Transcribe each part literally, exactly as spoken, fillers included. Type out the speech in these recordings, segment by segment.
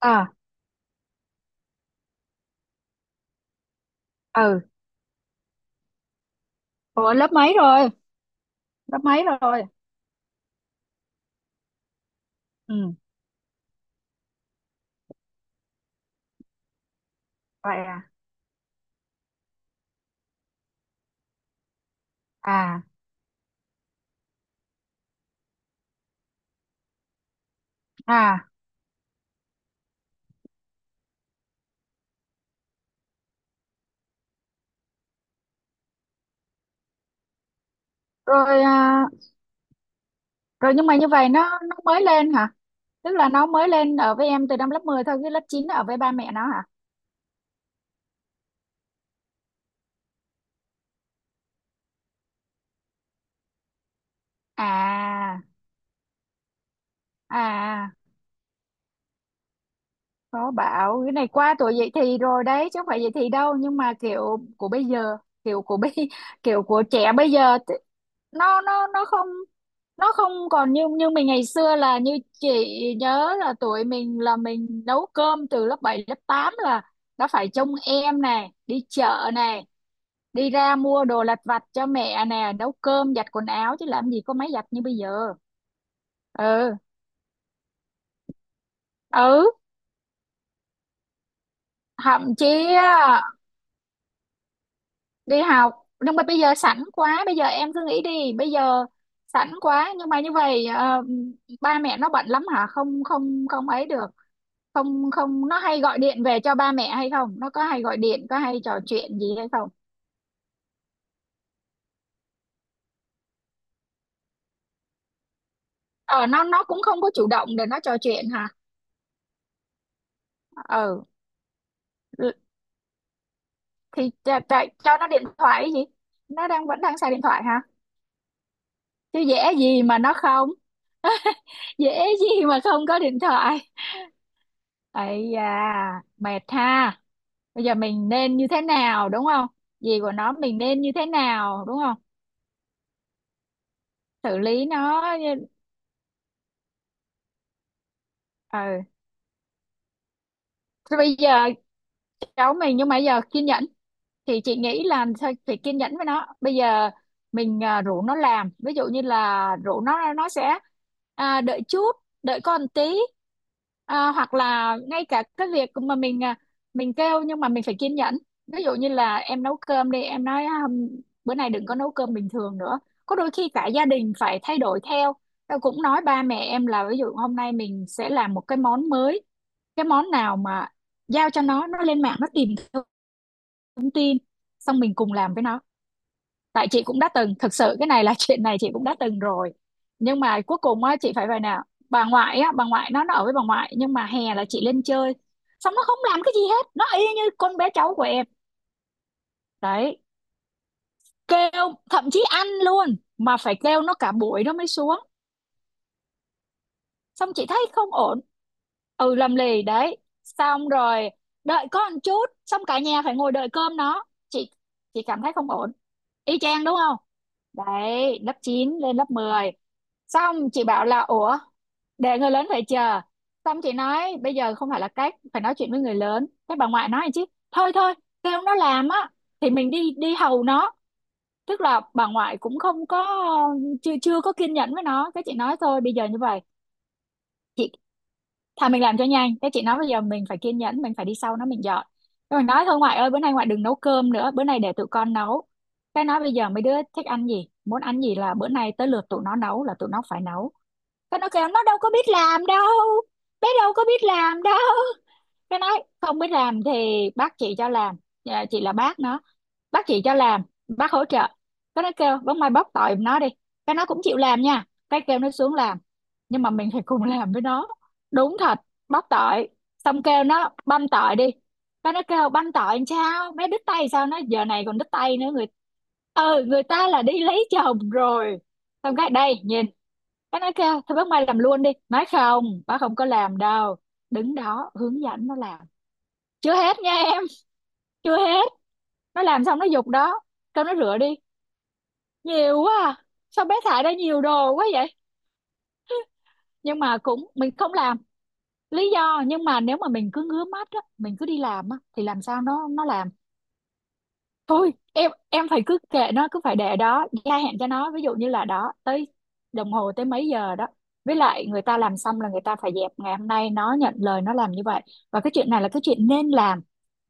À. Ừ. Ủa, lớp mấy rồi? Lớp mấy rồi Ừ. Vậy à? À. À. Rồi. À, rồi, nhưng mà như vậy nó nó mới lên hả? Tức là nó mới lên ở với em từ năm lớp mười thôi, cái lớp chín ở với ba mẹ nó hả? À. À. À. Có, bảo cái này qua tuổi dậy thì rồi đấy chứ không phải dậy thì đâu, nhưng mà kiểu của bây giờ, kiểu của bây kiểu của trẻ bây giờ. Nó nó nó không, nó không còn như như mình ngày xưa. Là như chị nhớ là tuổi mình là mình nấu cơm từ lớp bảy lớp tám là đã phải trông em này, đi chợ này, đi ra mua đồ lặt vặt cho mẹ nè, nấu cơm, giặt quần áo, chứ làm gì có máy giặt như bây giờ. Ừ. Ừ. Thậm chí á, đi học, nhưng mà bây giờ sẵn quá, bây giờ em cứ nghĩ đi, bây giờ sẵn quá. Nhưng mà như vậy, ờ, ba mẹ nó bận lắm hả? Không không không ấy được. Không không, nó hay gọi điện về cho ba mẹ hay không? Nó có hay gọi điện, có hay trò chuyện gì hay không? Ờ, nó nó cũng không có chủ động để nó trò chuyện hả? Ờ. Ừ, thì cho, cho, cho nó điện thoại cái gì, nó đang vẫn đang xài điện thoại hả? Chứ dễ gì mà nó không, dễ gì mà không có điện thoại. Ấy da, mệt ha. Bây giờ mình nên như thế nào, đúng không? Gì của nó mình nên như thế nào, đúng không? Xử lý nó như- Ờ. Thế bây giờ cháu mình, nhưng mà bây giờ kiên nhẫn thì chị nghĩ là thôi phải kiên nhẫn với nó bây giờ. Mình à, rủ nó làm, ví dụ như là rủ nó nó sẽ à, đợi chút, đợi con tí. À, hoặc là ngay cả cái việc mà mình à, mình kêu, nhưng mà mình phải kiên nhẫn. Ví dụ như là em nấu cơm đi, em nói "À, hôm- bữa nay đừng có nấu cơm bình thường nữa". Có đôi khi cả gia đình phải thay đổi theo. Tao cũng nói ba mẹ em là ví dụ hôm nay mình sẽ làm một cái món mới, cái món nào mà giao cho nó nó lên mạng nó tìm thông tin, xong mình cùng làm với nó. Tại chị cũng đã từng, thực sự cái này là chuyện này chị cũng đã từng rồi. Nhưng mà cuối cùng á, chị phải vậy nè. Bà ngoại á, bà ngoại nó nó ở với bà ngoại, nhưng mà hè là chị lên chơi, xong nó không làm cái gì hết, nó y như con bé cháu của em. Đấy, kêu thậm chí ăn luôn mà phải kêu nó cả buổi nó mới xuống. Xong chị thấy không ổn. Ừ, làm lì đấy. Xong rồi đợi có một chút, xong cả nhà phải ngồi đợi cơm nó. chị chị cảm thấy không ổn, y chang đúng không? Đấy, lớp chín lên lớp mười. Xong chị bảo là ủa, để người lớn phải chờ. Xong chị nói bây giờ không phải là cách phải nói chuyện với người lớn, cái bà ngoại nói chứ. Thôi Thôi kêu nó làm á, thì mình đi đi hầu nó. Tức là bà ngoại cũng không có, chưa chưa có kiên nhẫn với nó. Cái chị nói thôi bây giờ như vậy chị, thà mình làm cho nhanh. Thế chị nói bây giờ mình phải kiên nhẫn, mình phải đi sau nó mình dọn. Thế mình nói thôi ngoại ơi, bữa nay ngoại đừng nấu cơm nữa, bữa nay để tụi con nấu. Cái nói bây giờ mấy đứa thích ăn gì, muốn ăn gì, là bữa nay tới lượt tụi nó nấu là tụi nó phải nấu. Cái nó kêu nó đâu có biết làm đâu, bé đâu có biết làm đâu. Cái nói không biết làm thì bác chị cho làm. Dạ, chị là bác nó. Bác chỉ cho làm, bác hỗ trợ. Cái nó kêu bóng, mai bóc tỏi nó đi, cái nó cũng chịu làm nha, cái kêu nó xuống làm. Nhưng mà mình phải cùng làm với nó. Đúng thật, bóc tỏi, xong kêu nó băm tỏi đi. Cái nó kêu băm tỏi làm sao, mấy đứt tay, sao nó giờ này còn đứt tay nữa, người ừ, người ta là đi lấy chồng rồi. Xong cái đây nhìn, cái nó kêu thôi bác mai làm luôn đi, nói không bác không có làm đâu, đứng đó hướng dẫn nó làm. Chưa hết nha em, chưa hết, nó làm xong nó giục đó. Kêu nó rửa đi, nhiều quá à. Sao bé thải ra nhiều đồ quá vậy, nhưng mà cũng mình không làm. Lý do, nhưng mà nếu mà mình cứ ngứa mắt á, mình cứ đi làm á, thì làm sao nó nó làm. Thôi em em phải cứ kệ nó, cứ phải để đó, gia hạn cho nó, ví dụ như là đó tới đồng hồ tới mấy giờ đó, với lại người ta làm xong là người ta phải dẹp. Ngày hôm nay nó nhận lời nó làm như vậy, và cái chuyện này là cái chuyện nên làm.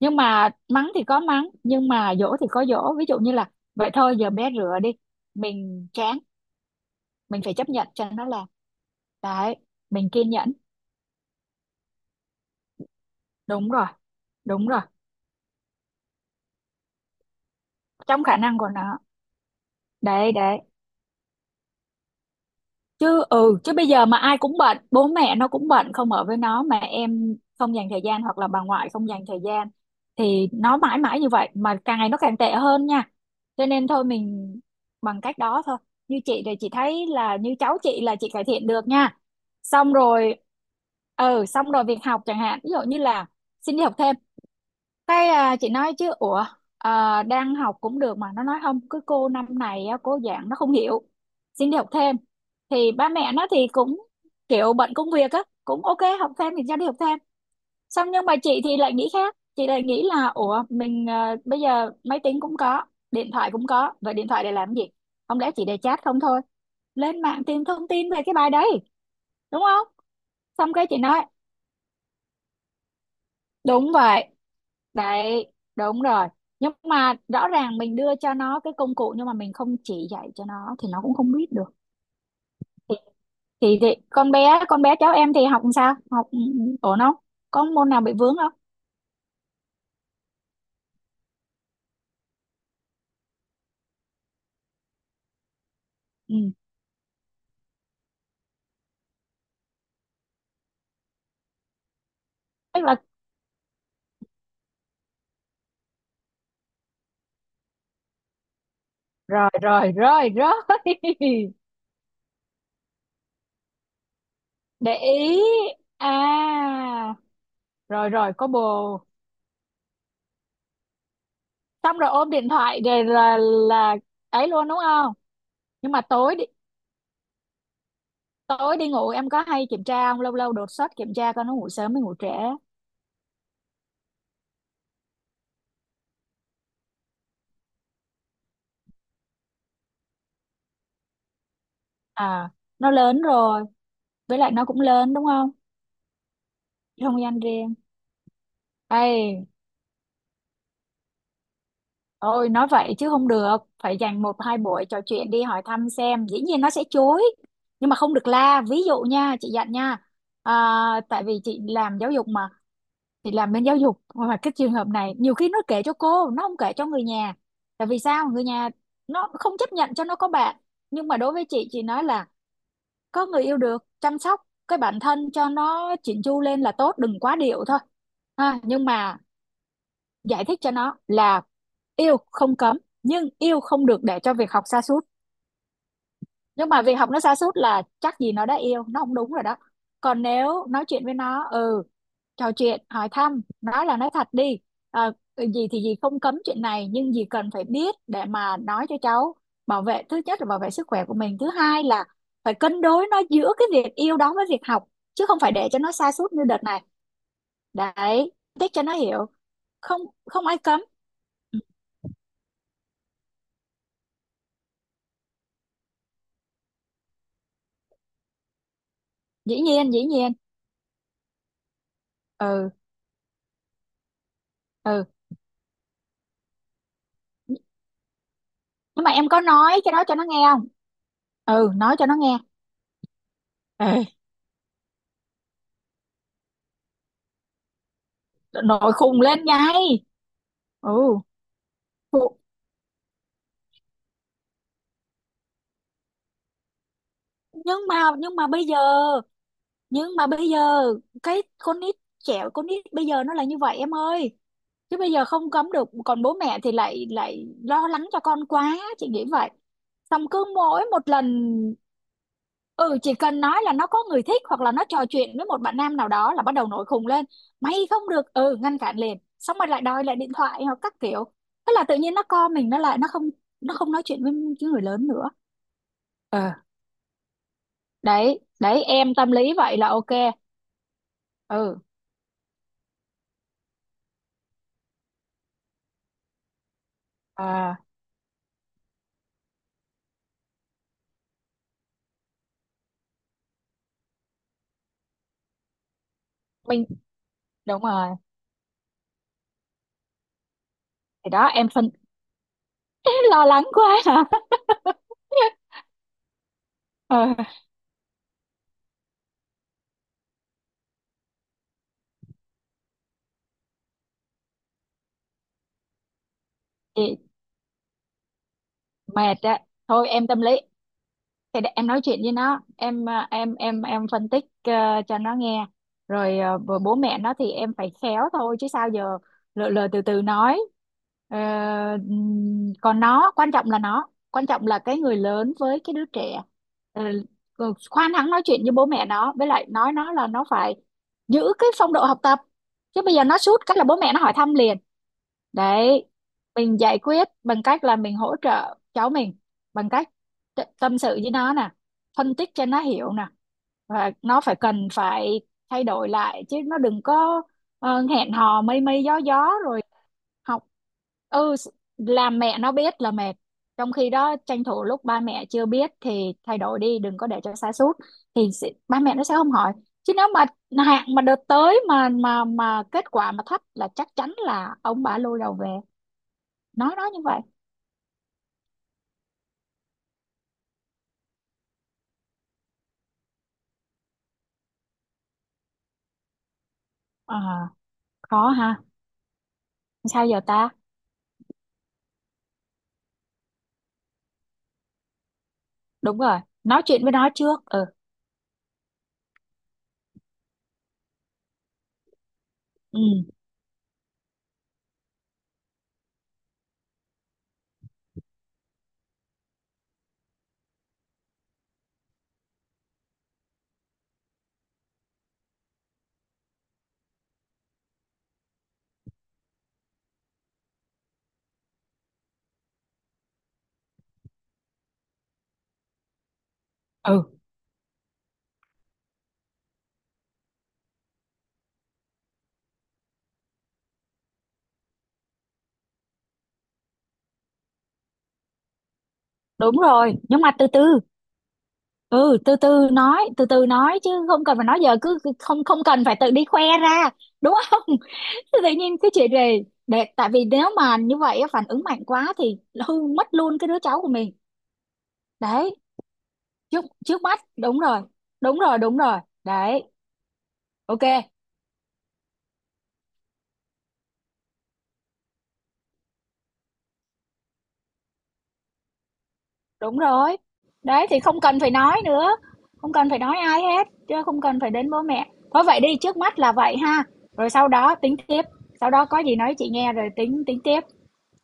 Nhưng mà mắng thì có mắng, nhưng mà dỗ thì có dỗ. Ví dụ như là vậy thôi giờ bé rửa đi, mình chán, mình phải chấp nhận cho nó làm. Đấy, mình kiên nhẫn. Đúng rồi, đúng rồi, trong khả năng của nó. Đấy đấy. Chứ ừ, chứ bây giờ mà ai cũng bệnh, bố mẹ nó cũng bệnh không ở với nó, mà em không dành thời gian, hoặc là bà ngoại không dành thời gian, thì nó mãi mãi như vậy, mà càng ngày nó càng tệ hơn nha. Cho nên thôi mình bằng cách đó thôi. Như chị thì chị thấy là như cháu chị là chị cải thiện được nha. Xong rồi. Ừ xong rồi, việc học chẳng hạn, ví dụ như là xin đi học thêm. Cái à, chị nói chứ ủa, à, đang học cũng được mà nó nói không, cứ cô năm này á, cô giảng nó không hiểu, xin đi học thêm. Thì ba mẹ nó thì cũng kiểu bận công việc á, cũng ok học thêm thì cho đi học thêm. Xong nhưng mà chị thì lại nghĩ khác, chị lại nghĩ là ủa mình à, bây giờ máy tính cũng có, điện thoại cũng có, vậy điện thoại để làm gì? Không lẽ chỉ để chat không thôi? Lên mạng tìm thông tin về cái bài đấy đúng không? Xong cái chị nói đúng vậy. Đấy, đúng rồi. Nhưng mà rõ ràng mình đưa cho nó cái công cụ, nhưng mà mình không chỉ dạy cho nó thì nó cũng không biết được. Thì, thì, thì con bé con bé cháu em thì học làm sao? Học ừ, ổn không? Có môn nào bị vướng không? Ừ. Tức là rồi rồi rồi rồi. Để ý. À, rồi rồi, có bồ. Xong rồi ôm điện thoại rồi là là ấy luôn đúng không? Nhưng mà tối đi tối đi ngủ em có hay kiểm tra không? Lâu lâu đột xuất kiểm tra coi nó ngủ sớm hay ngủ trễ. À, nó lớn rồi, với lại nó cũng lớn đúng không, không gian riêng. Ây, ôi nói vậy chứ không được, phải dành một hai buổi trò chuyện đi, hỏi thăm xem, dĩ nhiên nó sẽ chối, nhưng mà không được la. Ví dụ nha chị dặn nha, à, tại vì chị làm giáo dục mà, chị làm bên giáo dục mà. Cái trường hợp này nhiều khi nó kể cho cô, nó không kể cho người nhà. Tại vì sao, người nhà nó không chấp nhận cho nó có bạn. Nhưng mà đối với chị chị nói là có người yêu được, chăm sóc cái bản thân cho nó chỉn chu lên là tốt, đừng quá điệu thôi ha. Nhưng mà giải thích cho nó là yêu không cấm, nhưng yêu không được để cho việc học sa sút. Nhưng mà việc học nó sa sút là chắc gì nó đã yêu, nó không đúng rồi đó. Còn nếu nói chuyện với nó, ừ, trò chuyện hỏi thăm, nói là nói thật đi. Ờ, Gì thì gì không cấm chuyện này, nhưng gì cần phải biết để mà nói cho cháu, bảo vệ, thứ nhất là bảo vệ sức khỏe của mình, thứ hai là phải cân đối nó giữa cái việc yêu đó với việc học, chứ không phải để cho nó sa sút như đợt này. Đấy, thích cho nó hiểu. Không, không ai cấm. Dĩ nhiên dĩ nhiên. Ừ. Ừ, nhưng mà em có nói cái đó cho nó nghe không? Ừ, nói cho nó nghe. Ê, nội khùng lên ngay. Ừ, khùng. Nhưng mà, nhưng mà bây giờ nhưng mà bây giờ cái con nít, trẻ con nít bây giờ nó là như vậy em ơi. Chứ bây giờ không cấm được, còn bố mẹ thì lại lại lo lắng cho con quá, chị nghĩ vậy. Xong cứ mỗi một lần, ừ, chỉ cần nói là nó có người thích hoặc là nó trò chuyện với một bạn nam nào đó là bắt đầu nổi khùng lên, mày không được. Ừ, ngăn cản liền, xong rồi lại đòi lại điện thoại hoặc các kiểu. Thế là tự nhiên nó co mình nó lại, nó không, nó không nói chuyện với cái người lớn nữa. Ờ, đấy đấy em tâm lý vậy là ok. Ừ. À. Mình, đúng rồi. Thì đó em phân. Lo lắng quá hả? Ờ. Chị mệt á. Thôi em tâm lý, thì để em nói chuyện với nó, em à, em em em phân tích ờ, cho nó nghe. Rồi ờ, bố bố mẹ nó thì em phải khéo thôi chứ sao giờ. Lờ Lờ từ từ nói. Ờ, ừm, Còn nó quan trọng là, nó quan trọng là cái người lớn với cái đứa trẻ. Ờ, ờ, Khoan hắng nói chuyện với bố mẹ nó, với lại nói nó là nó phải giữ cái phong độ học tập. Chứ bây giờ nó sút cái là bố mẹ nó hỏi thăm liền. Đấy, mình giải quyết bằng cách là mình hỗ trợ cháu mình, bằng cách t- tâm sự với nó nè, phân tích cho nó hiểu nè, và nó phải cần phải thay đổi lại, chứ nó đừng có ờ, hẹn hò mây mây gió gió rồi học. ừ s- làm mẹ nó biết là mệt. Trong khi đó tranh thủ lúc ba mẹ chưa biết thì thay đổi đi, đừng có để cho sa sút, thì sẽ- ba mẹ nó sẽ không hỏi. Chứ nếu mà hạn mà đợt tới mà mà mà kết quả mà thấp là chắc chắn là ông bà lôi đầu về. Nói nó như vậy. Ờ, khó ha, sao giờ ta. Đúng rồi, nói chuyện với nó trước. Ừ. Ừ. Ừ. Đúng rồi nhưng mà từ từ, ừ từ từ nói, từ từ nói, chứ không cần phải nói giờ, cứ cứ không không cần phải tự đi khoe ra đúng không? Tự nhiên cái chuyện này để, tại vì nếu mà như vậy á, phản ứng mạnh quá thì hư mất luôn cái đứa cháu của mình. Đấy, trước, trước mắt đúng rồi, đúng rồi đúng rồi. Đấy, ok. Đúng rồi. Đấy thì không cần phải nói nữa, không cần phải nói ai hết, chứ không cần phải đến bố mẹ. Thôi vậy đi, trước mắt là vậy ha. Rồi sau đó tính tiếp, sau đó có gì nói chị nghe rồi tính tính tiếp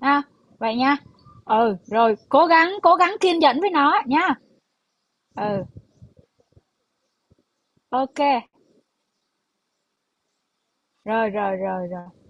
ha. Vậy nha. Ừ, rồi cố gắng cố gắng kiên nhẫn với nó nha. Ừ, ok. Rồi rồi rồi rồi.